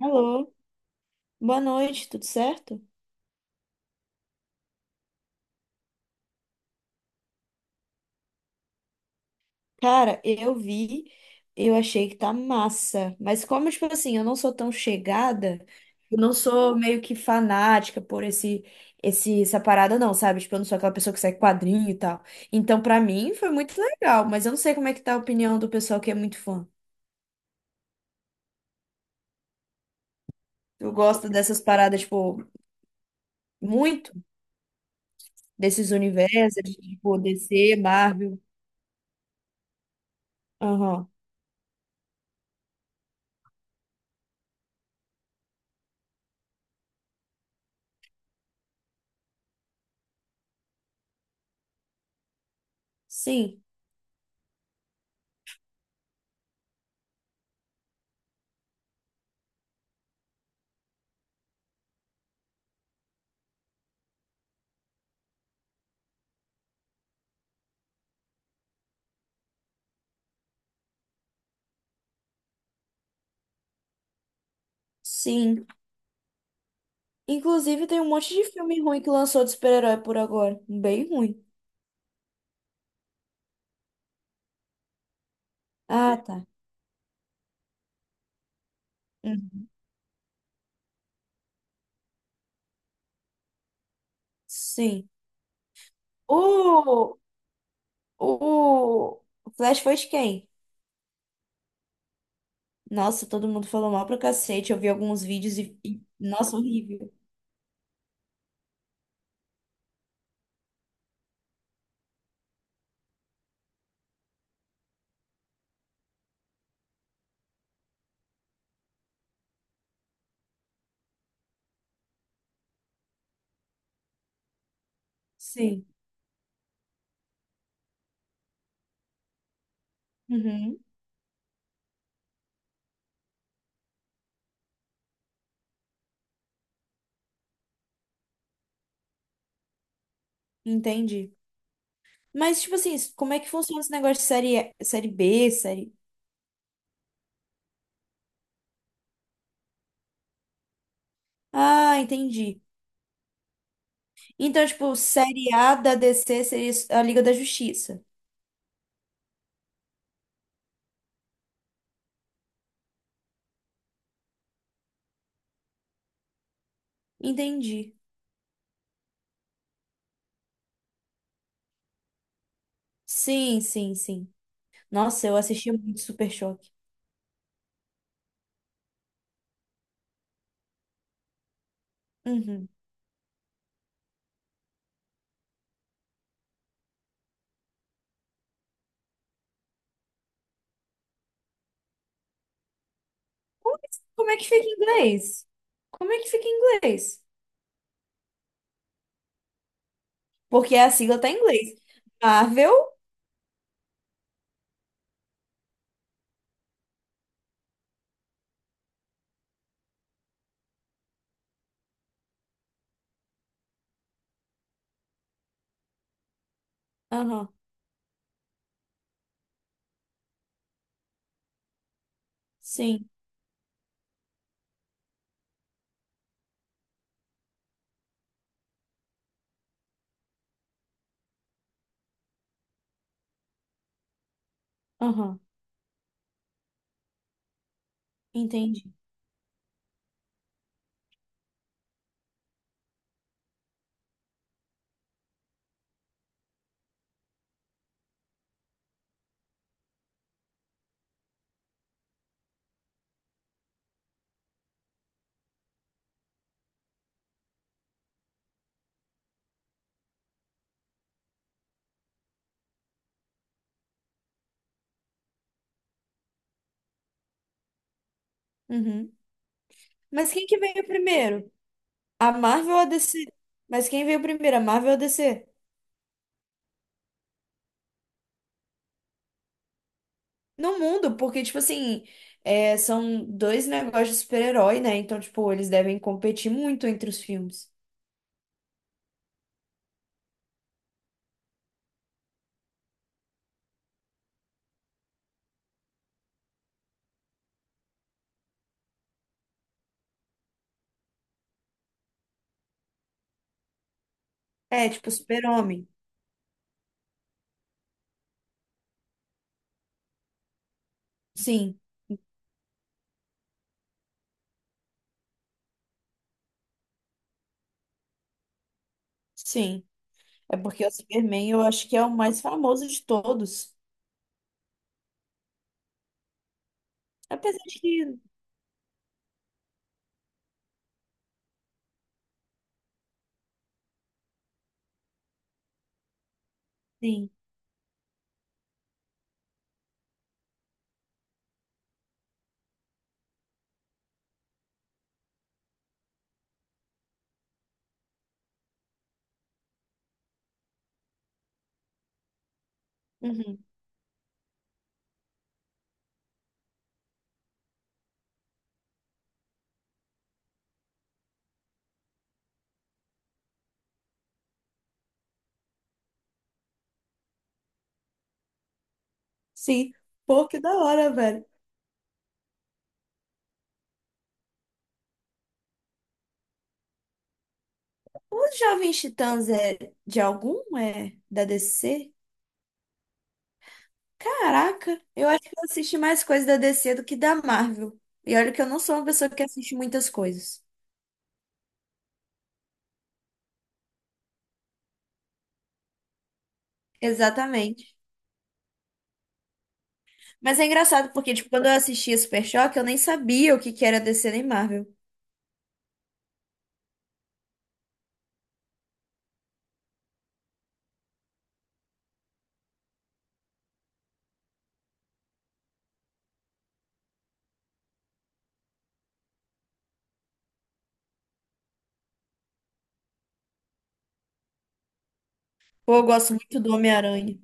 Alô, boa noite, tudo certo? Cara, eu vi, eu achei que tá massa, mas como, tipo assim, eu não sou tão chegada, eu não sou meio que fanática por essa parada não, sabe? Tipo, eu não sou aquela pessoa que segue quadrinho e tal. Então, pra mim, foi muito legal, mas eu não sei como é que tá a opinião do pessoal que é muito fã. Eu gosto dessas paradas, tipo, muito, desses universos, tipo, DC, Marvel. Aham. Sim, sim. Inclusive, tem um monte de filme ruim que lançou de super-herói por agora. Bem ruim. Ah, tá. Hum. Sim. O, o Flash foi de quem? Nossa, todo mundo falou mal pra cacete. Eu vi alguns vídeos nossa, horrível. Sim. Uhum, entendi. Mas, tipo assim, como é que funciona esse negócio de série, série B, série. Ah, entendi. Então, tipo, série A da DC seria a Liga da Justiça. Entendi. Sim, sim, sim. Nossa, eu assistia muito Super Choque. Uhum. Como é como é que fica em inglês? Como é que fica em inglês? Porque a sigla tá em inglês. Marvel? Aham. Sim. Aham. Entendi. Uhum. Mas quem que veio primeiro? A Marvel ou a DC? Mas quem veio primeiro, a Marvel ou a DC? No mundo, porque, tipo assim, é, são dois negócios de super-herói, né? Então, tipo, eles devem competir muito entre os filmes. É, tipo, super-homem. Sim, sim. É porque o Superman eu acho que é o mais famoso de todos. Apesar de que, sim. Uhum. Sim. Pô, que da hora, velho. Os Jovens Titãs é de algum? É da DC? Caraca, eu acho que eu assisti mais coisas da DC do que da Marvel. E olha que eu não sou uma pessoa que assiste muitas coisas. Exatamente. Mas é engraçado porque, tipo, quando eu assistia Super Choque, eu nem sabia o que que era DC nem Marvel. Pô, eu gosto muito do Homem-Aranha.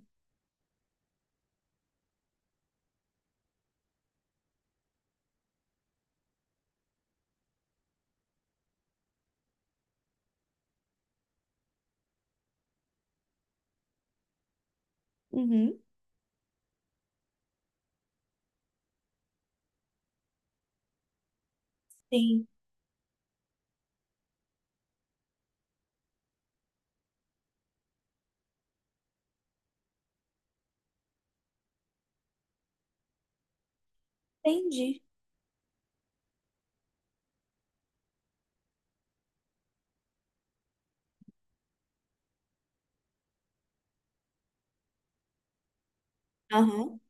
Uhum. Sim, entendi. Aham.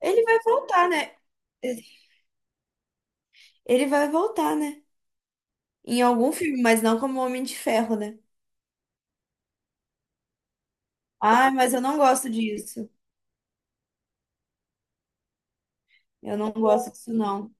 Ele vai voltar, né? Ele vai voltar, né? Em algum filme, mas não como Homem de Ferro, né? Ah, mas eu não gosto disso. Eu não gosto disso, não.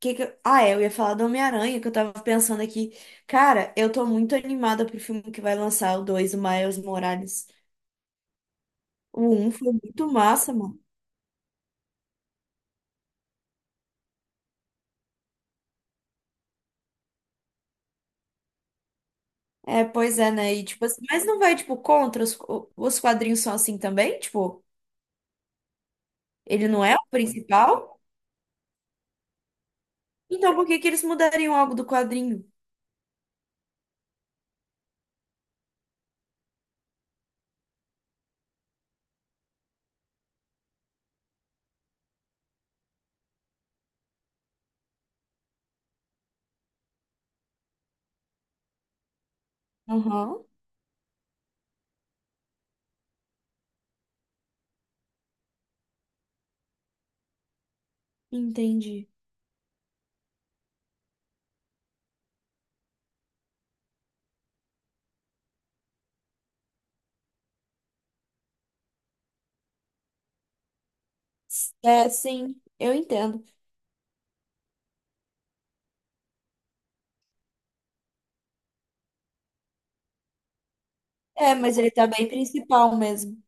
Que eu- ah, é, eu ia falar do Homem-Aranha, que eu tava pensando aqui. Cara, eu tô muito animada pro filme que vai lançar, o 2, o Miles Morales. O um foi muito massa, mano. É, pois é, né? E, tipo assim, mas não vai, tipo, contra os quadrinhos são assim também? Tipo, ele não é o principal? Então por que que eles mudariam algo do quadrinho? Aham, entendi. É, sim, eu entendo. É, mas ele tá bem principal mesmo.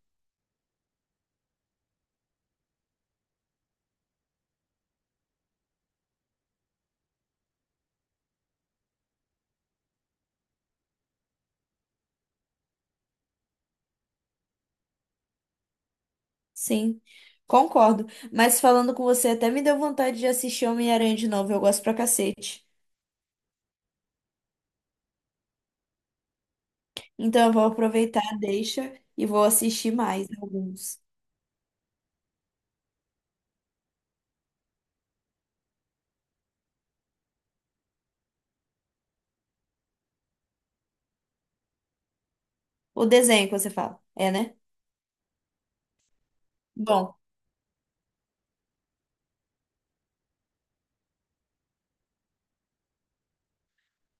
Sim, concordo. Mas falando com você, até me deu vontade de assistir Homem-Aranha de novo. Eu gosto pra cacete. Então eu vou aproveitar, deixa e vou assistir mais alguns. O desenho que você fala, é, né? Bom,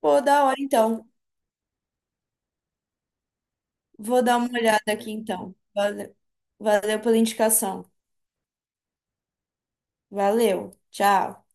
pô, da hora então. Vou dar uma olhada aqui então. Valeu, valeu pela indicação. Valeu, tchau.